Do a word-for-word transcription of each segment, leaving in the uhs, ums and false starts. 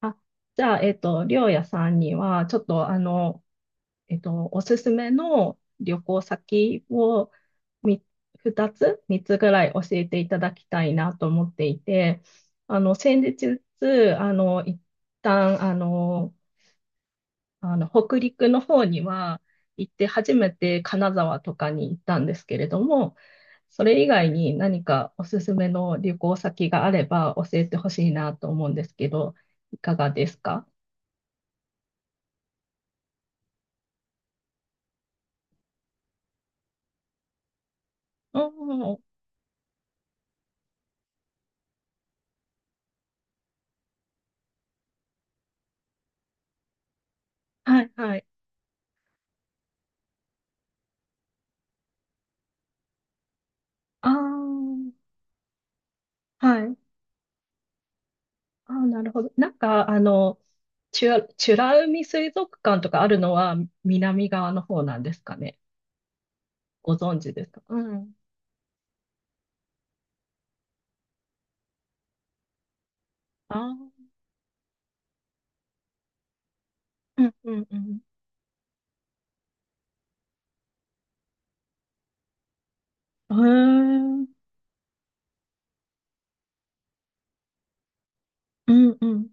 あ、じゃあ、えっと、りょうやさんには、ちょっと、あの、えっと、おすすめの旅行先をみふたつ、みっつぐらい教えていただきたいなと思っていて、あの、先日、あの、一旦、あの、あの、北陸の方には行って初めて金沢とかに行ったんですけれども、それ以外に何かおすすめの旅行先があれば教えてほしいなと思うんですけど、いかがですか？おー、はいはい。あー、はい。あー、なるほど。なんか、あの、チュラ、美ら海水族館とかあるのは南側の方なんですかね。ご存知ですか？うん。ああ、うん、うん、うん。へえ。うん、うん。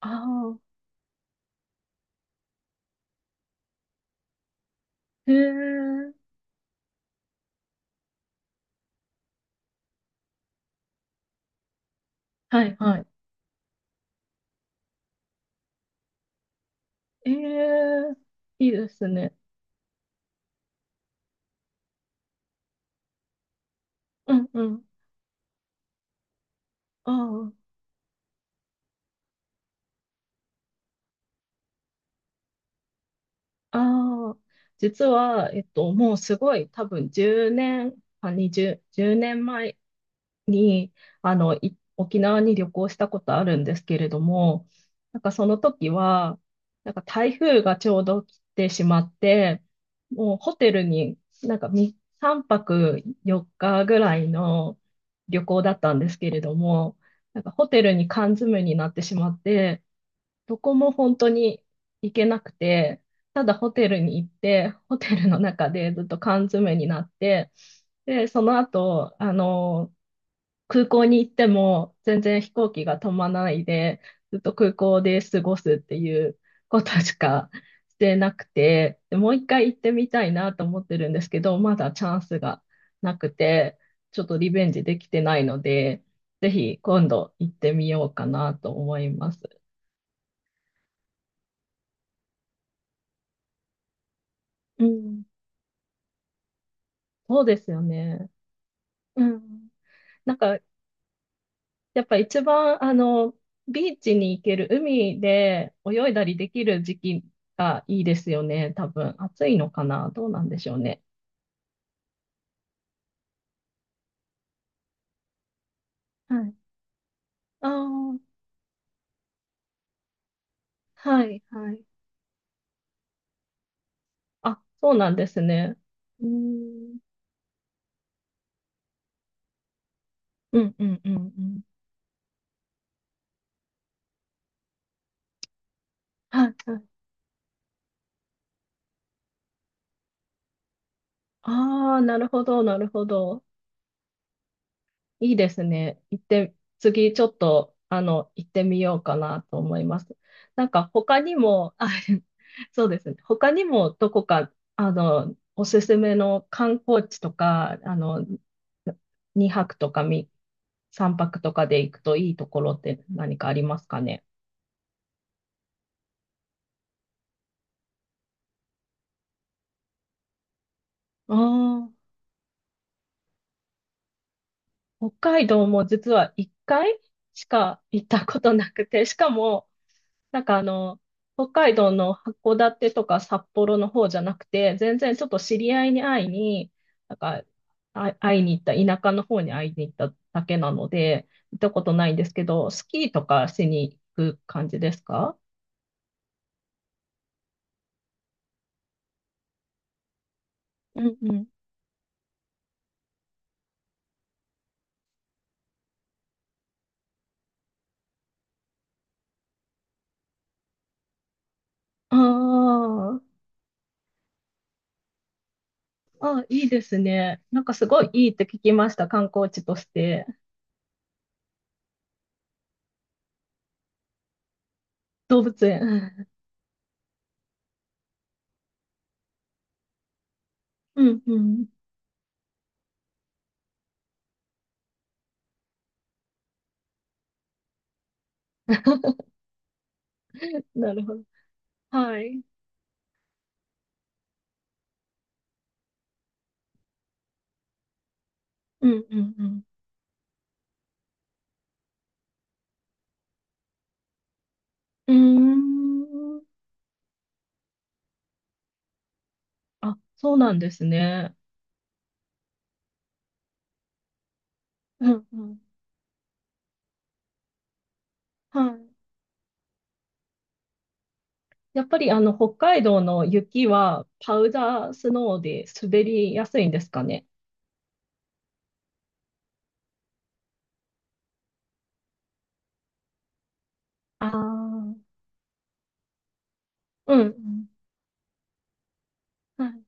ああ。へえ。はい、はい。ええ。いいですね。うん、うん。ああ、ああ。実は、えっと、もうすごい、多分じゅうねん、あ、にじゅう、じゅうねんまえに、あの、い沖縄に旅行したことあるんですけれども、なんかその時は、なんか台風がちょうど来てしまって、もうホテルになんかみさんぱくよっかぐらいの旅行だったんですけれども、なんかホテルに缶詰になってしまって、どこも本当に行けなくて、ただホテルに行って、ホテルの中でずっと缶詰になって、で、その後、あの、空港に行っても全然飛行機が止まらないで、ずっと空港で過ごすっていうことしかしてなくて、でもう一回行ってみたいなと思ってるんですけど、まだチャンスがなくて、ちょっとリベンジできてないので、ぜひ今度行ってみようかなと思います。うん、そうですよね。うん。なんかやっぱ一番、あの、ビーチに行ける、海で泳いだりできる時期がいいですよね、多分。暑いのかなどうなんでしょうね。はい。ああ、はい、はい。あ、そうなんですね。うーん、うん、うん、うん、うん。はい、はい。ああ、なるほど、なるほど。いいですね。行って、次ちょっと、あの、行ってみようかなと思います。なんか他にも、あ、そうですね。他にもどこか、あの、おすすめの観光地とか、あの、にはくとかみさんぱくとかで行くといいところって何かありますかね。ああ、北海道も実はいっかいしか行ったことなくて、しかも、なんかあの、北海道の函館とか札幌の方じゃなくて、全然ちょっと知り合いに会いに、なんか、あ、会いに行った、田舎の方に会いに行っただけなので、行ったことないんですけど、スキーとかしに行く感じですか？うん、うん。ああ、あ、いいですね。なんかすごいいいって聞きました、観光地として。動物園。うん、うん。なるほど。はい。うん、うん、うん。うーん。あ、そうなんですね。うん、うん。はい。やっぱりあの北海道の雪はパウダースノーで滑りやすいんですかね。ああ、うん。うん、はい。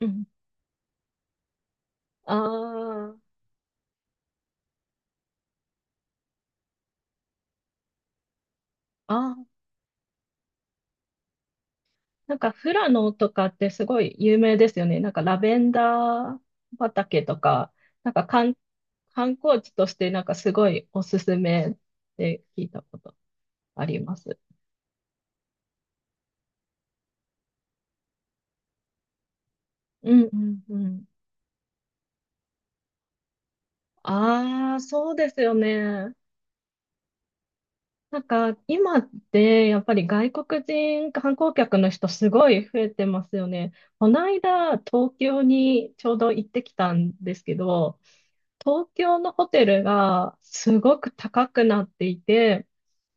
うん。ああ、ああ。なんか富良野とかってすごい有名ですよね。なんかラベンダー畑とか、なんか観、観光地としてなんかすごいおすすめって聞いたことあります。うん、うん、うん。ああ、そうですよね。なんか、今って、やっぱり外国人観光客の人すごい増えてますよね。この間、東京にちょうど行ってきたんですけど、東京のホテルがすごく高くなっていて、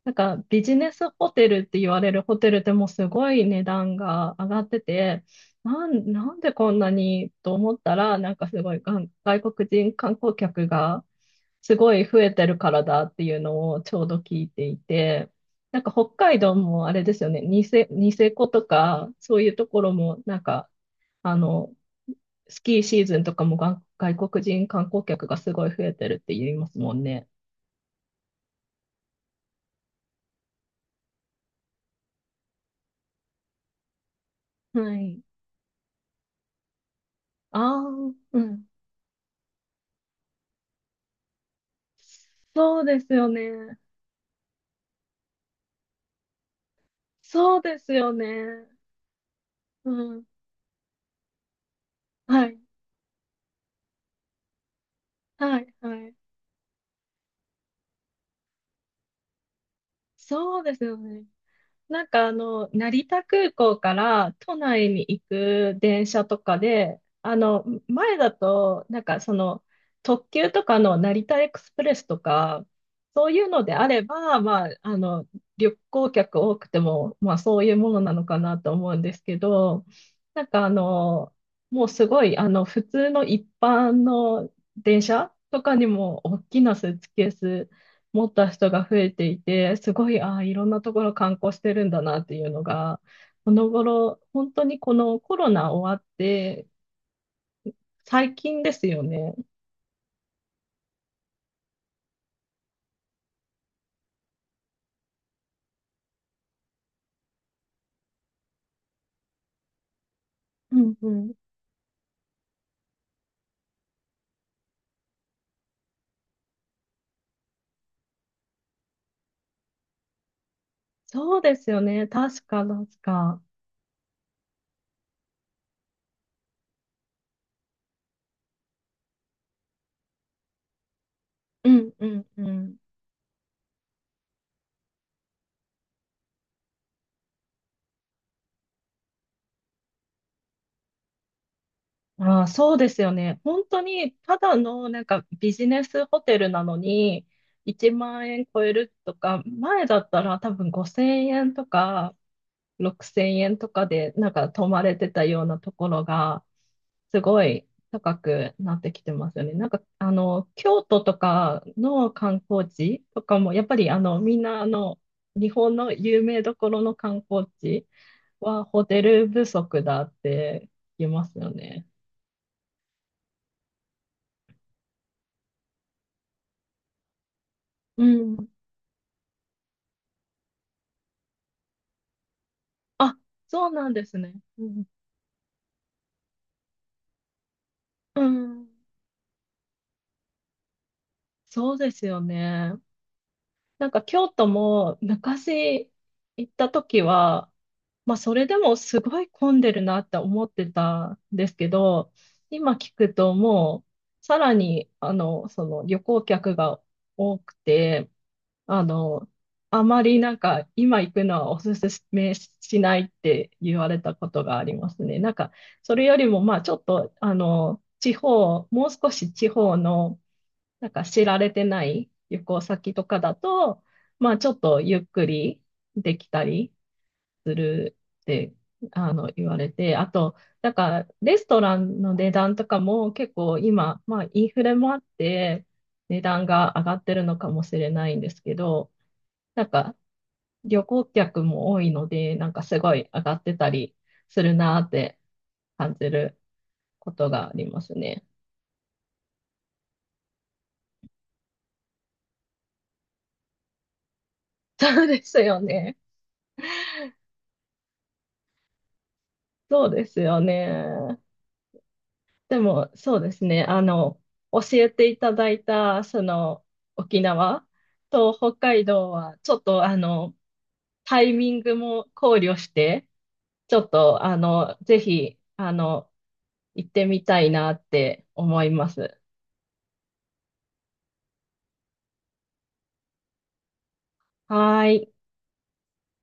なんかビジネスホテルって言われるホテルでもすごい値段が上がってて、なん、なんでこんなにと思ったら、なんかすごいがん外国人観光客がすごい増えてるからだっていうのをちょうど聞いていて、なんか北海道もあれですよね、ニセ、ニセコとか、そういうところもなんか、あの、スキーシーズンとかもが外国人観光客がすごい増えてるって言いますもんね。はい。ああ、うん、そうですよね。そうですよね。うん。はい。はい。はい。そうですよね。なんかあの、成田空港から都内に行く電車とかで、あの、前だと、なんかその、特急とかの成田エクスプレスとか、そういうのであれば、まあ、あの、旅行客多くても、まあそういうものなのかなと思うんですけど、なんかあの、もうすごい、あの、普通の一般の電車とかにも大きなスーツケース持った人が増えていて、すごい、ああ、いろんなところ観光してるんだなっていうのが、この頃、本当にこのコロナ終わって、最近ですよね。うん、うん。そうですよね。確か、確か。うん、うん、うん。ああ、そうですよね。本当に、ただのなんかビジネスホテルなのに、いちまん円超えるとか、前だったら多分ごせんえんとか、ろくせんえんとかでなんか泊まれてたようなところが、すごい高くなってきてますよね。なんか、あの、京都とかの観光地とかも、やっぱりあの、みんなあの、日本の有名どころの観光地はホテル不足だって言いますよね。うん。あ、そうなんですね。うん。うん。そうですよね。なんか京都も昔行った時は、まあそれでもすごい混んでるなって思ってたんですけど、今聞くともうさらにあの、その旅行客が多くて、あの、あまりなんか今行くのはおすすめしないって言われたことがありますね。なんかそれよりもまあちょっとあの、地方、もう少し地方のなんか知られてない旅行先とかだと、まあちょっとゆっくりできたりするってあの言われて、あと、なんかレストランの値段とかも結構今、まあインフレもあって値段が上がってるのかもしれないんですけど、なんか旅行客も多いので、なんかすごい上がってたりするなーって感じることがありますね。そうですよね。そうですよね。でも、そうですね。あの、教えていただいた、その、沖縄と北海道は、ちょっと、あの、タイミングも考慮して、ちょっと、あの、ぜひ、あの、行ってみたいなって思います。はーい。